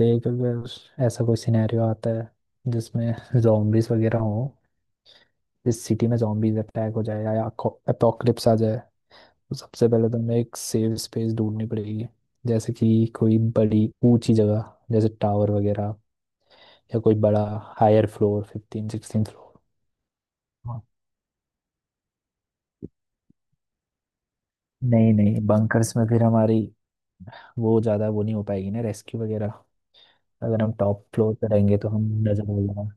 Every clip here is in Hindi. देख, अगर ऐसा कोई सिनेरियो आता है जिसमें जॉम्बीज वगैरह हो। जिस सिटी में जॉम्बीज अटैक हो जाए या अपोकलिप्स आ जाए, तो सबसे पहले तो हमें एक सेफ स्पेस ढूंढनी पड़ेगी। जैसे कि कोई बड़ी ऊंची जगह, जैसे टावर वगैरह, या कोई बड़ा हायर फ्लोर, 15 16 फ्लोर। नहीं नहीं, बंकर्स में फिर हमारी वो ज़्यादा वो नहीं हो पाएगी ना, रेस्क्यू वगैरह। अगर हम टॉप फ्लोर पे रहेंगे तो हम नजर हो जाएगा।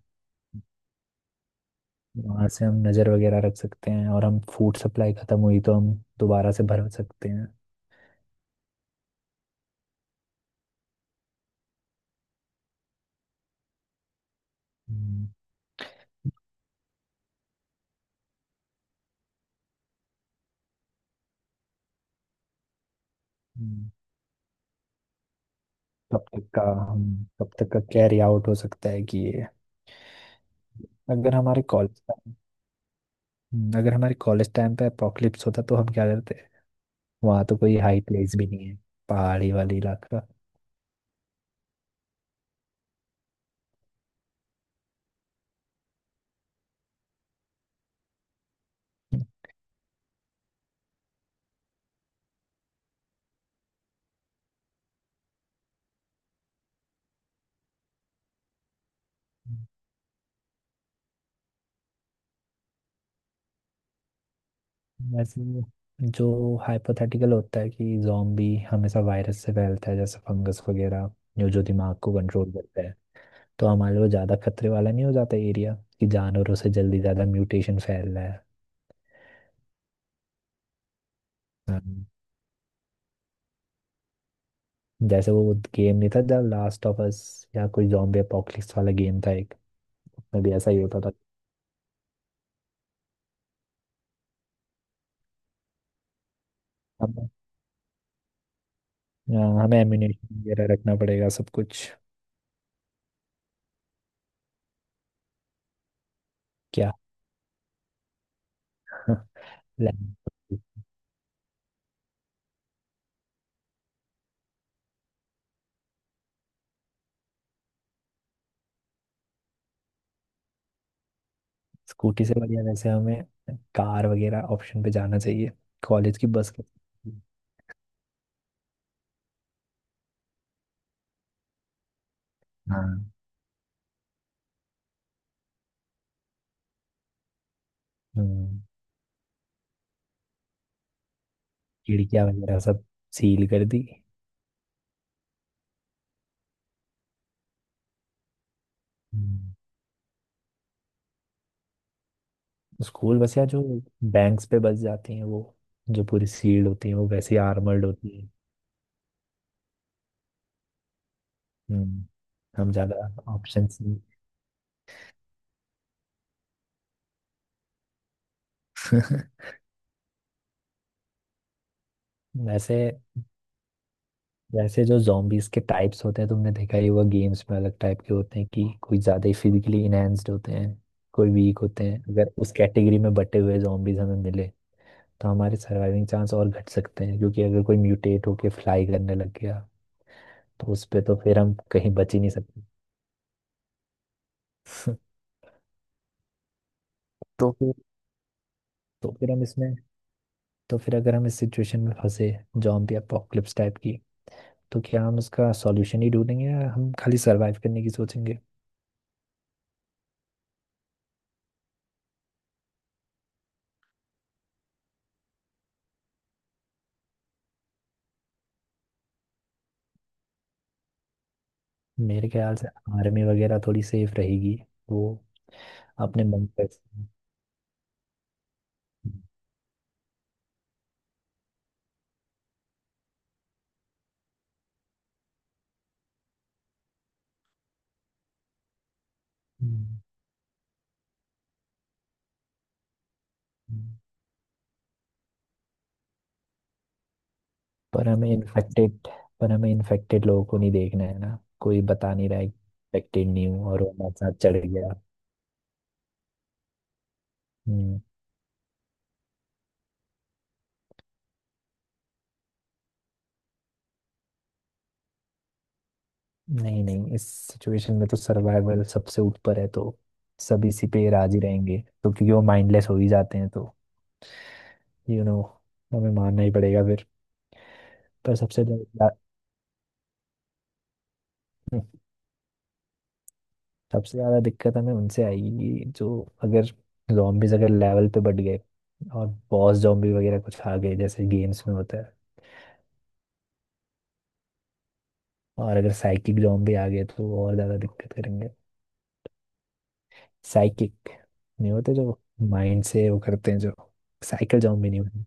वहां से हम नज़र वगैरह रख सकते हैं, और हम फूड सप्लाई खत्म हुई तो हम दोबारा से भरा सकते हैं। हम्म। हम्म। तब तक का हम तब तक का कैरी आउट हो सकता है कि ये। अगर हमारे कॉलेज टाइम अगर हमारे कॉलेज टाइम पे अपोकलिप्स होता तो हम क्या करते। वहाँ तो कोई हाई प्लेस भी नहीं है, पहाड़ी वाली इलाका। वैसे जो हाइपोथेटिकल होता है कि जॉम्बी हमेशा वायरस से फैलता है, जैसे फंगस वगैरह, जो जो दिमाग को कंट्रोल करता, तो हमारे लिए ज़्यादा खतरे वाला नहीं हो जाता एरिया, कि जानवरों से जल्दी ज़्यादा म्यूटेशन फैल रहा है। हम्म। जैसे वो गेम नहीं था, जब लास्ट ऑफ अस या कोई जॉम्बी अपोकलिप्स वाला गेम था एक, उसमें भी ऐसा ही होता था। हमें हाँ, हमें एम्यूनेशन वगैरह रखना पड़ेगा सब कुछ। क्या? लैंड- स्कूटी से बढ़िया वैसे हमें कार वगैरह ऑप्शन पे जाना चाहिए। कॉलेज की बस के। हाँ। हम्म, खिड़कियाँ वगैरह सब सील कर दी। हम्म। स्कूल बस यार, जो बैंक्स पे बस जाती हैं वो, जो पूरी सील्ड होती हैं, वो वैसे ही आर्मर्ड होती हैं। हम्म। हम ज्यादा ऑप्शंस नहीं। वैसे वैसे जो zombies के टाइप्स होते हैं, तुमने देखा ही होगा गेम्स में, अलग टाइप के होते हैं कि कोई ज्यादा ही फिजिकली इनहेंस्ड होते हैं, कोई वीक होते हैं। अगर उस कैटेगरी में बटे हुए zombies हमें मिले, तो हमारे सर्वाइविंग चांस और घट सकते हैं, क्योंकि अगर कोई म्यूटेट होके फ्लाई करने लग गया तो उस पे तो फिर हम कहीं बच ही नहीं सकते। तो फिर तो फिर हम इसमें तो फिर अगर हम इस सिचुएशन में फंसे, जॉम्बी अपोकलिप्स टाइप की, तो क्या हम उसका सॉल्यूशन ही ढूंढेंगे या हम खाली सरवाइव करने की सोचेंगे? मेरे ख्याल से आर्मी वगैरह थोड़ी सेफ रहेगी, वो अपने मन पर। हम्म, हम्म। पर हमें इन्फेक्टेड पर हमें इन्फेक्टेड लोगों को नहीं देखना है ना, कोई बता नहीं रहा है इन्फेक्टेड नहीं हूँ और वो हमारे साथ चढ़ गया। हम्म, नहीं नहीं, इस सिचुएशन में तो सर्वाइवल सबसे ऊपर है, तो सब इसी पे राजी रहेंगे। तो क्योंकि वो माइंडलेस हो ही जाते हैं, तो यू नो, हमें मानना ही पड़ेगा फिर। पर सबसे ज्यादा। हम्म, सबसे ज्यादा दिक्कत हमें उनसे आएगी, कि जो, अगर zombies अगर लेवल पे बढ़ गए और बॉस जॉम्बी वगैरह कुछ आ गए जैसे गेम्स में होता है, और अगर साइकिक जॉम्बी आ गए तो और ज्यादा दिक्कत करेंगे। साइकिक। नहीं होते जो माइंड से वो करते हैं जो। साइकिल जॉम्बी नहीं होते,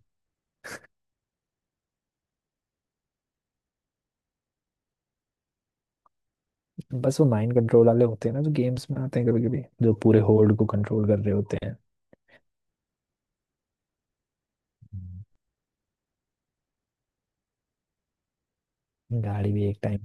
बस वो माइंड कंट्रोल वाले होते हैं ना, जो गेम्स में आते हैं कभी कभी, जो पूरे होल्ड को कंट्रोल कर रहे होते हैं। हम्म। गाड़ी भी एक टाइम।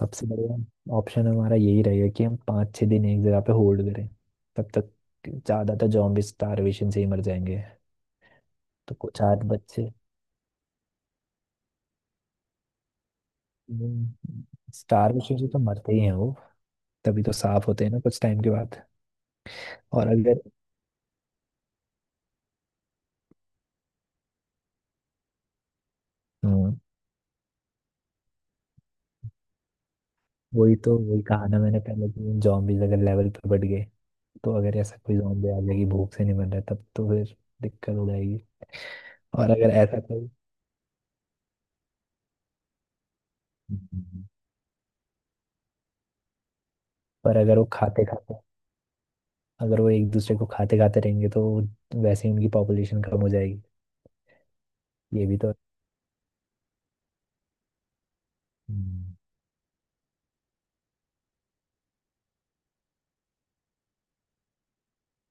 सबसे बढ़िया ऑप्शन हमारा यही रहेगा कि हम 5 6 दिन एक जगह पे होल्ड करें। तब तक ज़्यादातर जॉम्बी स्टारवेशन से ही मर जाएंगे। तो कुछ 8 बच्चे। स्टारवेशन से तो मरते ही हैं वो, तभी तो साफ होते हैं ना कुछ टाइम के बाद। और अगर। हम्म, वही कहा ना मैंने पहले कि जॉम्बीज अगर लेवल पे बढ़ गए, तो अगर ऐसा कोई जॉम्बी आ जाएगी भूख से नहीं मर रहा, तब तो फिर दिक्कत हो जाएगी। और अगर ऐसा कोई। हम्म, पर अगर वो खाते खाते अगर वो एक दूसरे को खाते खाते रहेंगे तो वो- वैसे ही उनकी पॉपुलेशन कम हो जाएगी। ये भी तो है। हम्म,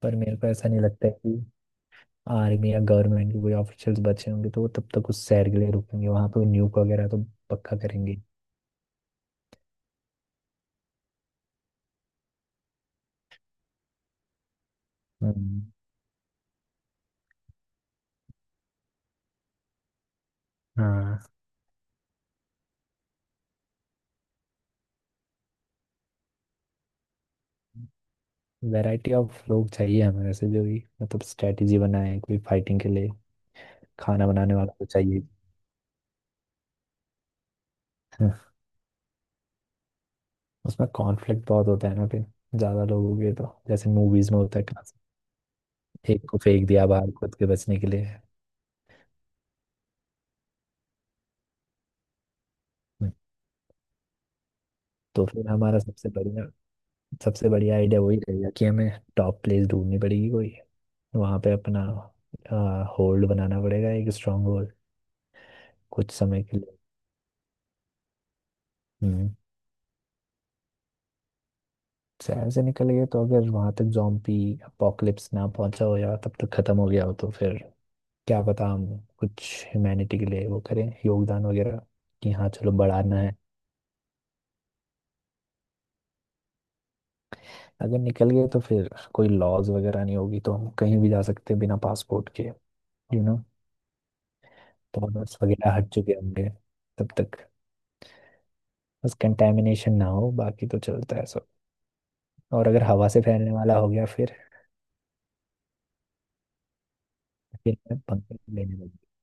पर मेरे को ऐसा नहीं लगता है कि आर्मी या गवर्नमेंट के कोई ऑफिशियल्स बचे होंगे तो वो तब तक उस शहर के लिए रुकेंगे। वहां पे न्यूक वगैरह तो पक्का करेंगे। हम्म, हाँ। वैरायटी ऑफ लोग चाहिए हमें वैसे, जो भी मतलब स्ट्रेटेजी बनाए कोई फाइटिंग के लिए, खाना बनाने वाला तो चाहिए। हाँ, उसमें कॉन्फ्लिक्ट बहुत होता है ना फिर, ज्यादा लोग हो गए तो, जैसे मूवीज में होता है कहाँ से एक को फेंक दिया बाहर खुद के बचने के लिए। तो फिर हमारा सबसे बढ़िया आइडिया वही रहेगा कि हमें टॉप प्लेस ढूंढनी पड़ेगी कोई, वहां पे अपना होल्ड बनाना पड़ेगा, एक स्ट्रांग होल्ड, कुछ समय के लिए। हम्म। शहर से निकल गए तो अगर वहां तक जॉम्बी अपोकलिप्स ना पहुंचा हो या तब तक खत्म हो गया हो, तो फिर क्या पता हम कुछ ह्यूमैनिटी के लिए वो करें, योगदान वगैरह, कि हाँ चलो बढ़ाना है। अगर निकल गए तो फिर कोई लॉज वगैरह नहीं होगी, तो हम कहीं भी जा सकते हैं बिना पासपोर्ट के, यू नो, बोनस वगैरह हट चुके होंगे तब तक। बस कंटेमिनेशन ना हो, बाकी तो चलता है सब। और अगर हवा से फैलने वाला हो गया फिर मैं पंखे लेने लगूंगा।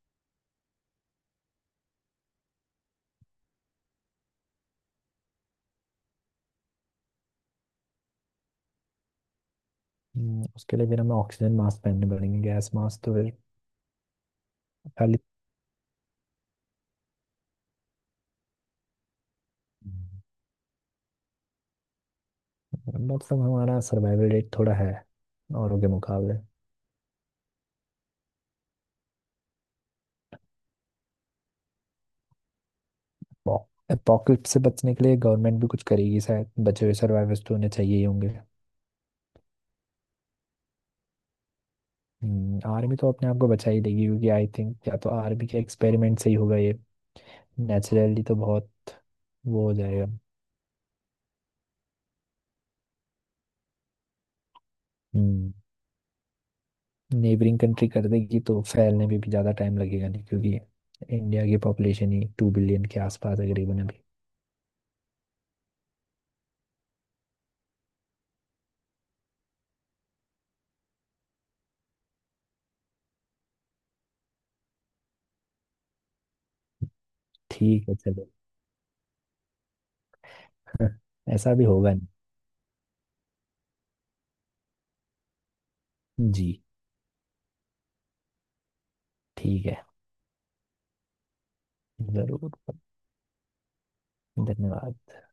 उसके लिए फिर हमें ऑक्सीजन मास्क पहनने पड़ेंगे, गैस मास्क तो फिर खाली। मतलब हमारा सर्वाइवल रेट थोड़ा है औरों के मुकाबले। पॉकेट से बचने के लिए गवर्नमेंट भी कुछ करेगी शायद, बचे हुए सर्वाइवर्स तो उन्हें चाहिए ही होंगे। आर्मी तो अपने आप को बचा ही लेगी, क्योंकि आई थिंक या तो आर्मी के एक्सपेरिमेंट से ही होगा ये। नेचुरली तो बहुत। वो हो जाएगा। हम्म। नेबरिंग कंट्री कर देगी तो फैलने में भी ज़्यादा टाइम लगेगा नहीं, क्योंकि इंडिया की पॉपुलेशन ही 2 बिलियन के आसपास है करीबन अभी। ठीक है चलो, ऐसा भी होगा। नहीं जी। ठीक है। ज़रूर। धन्यवाद।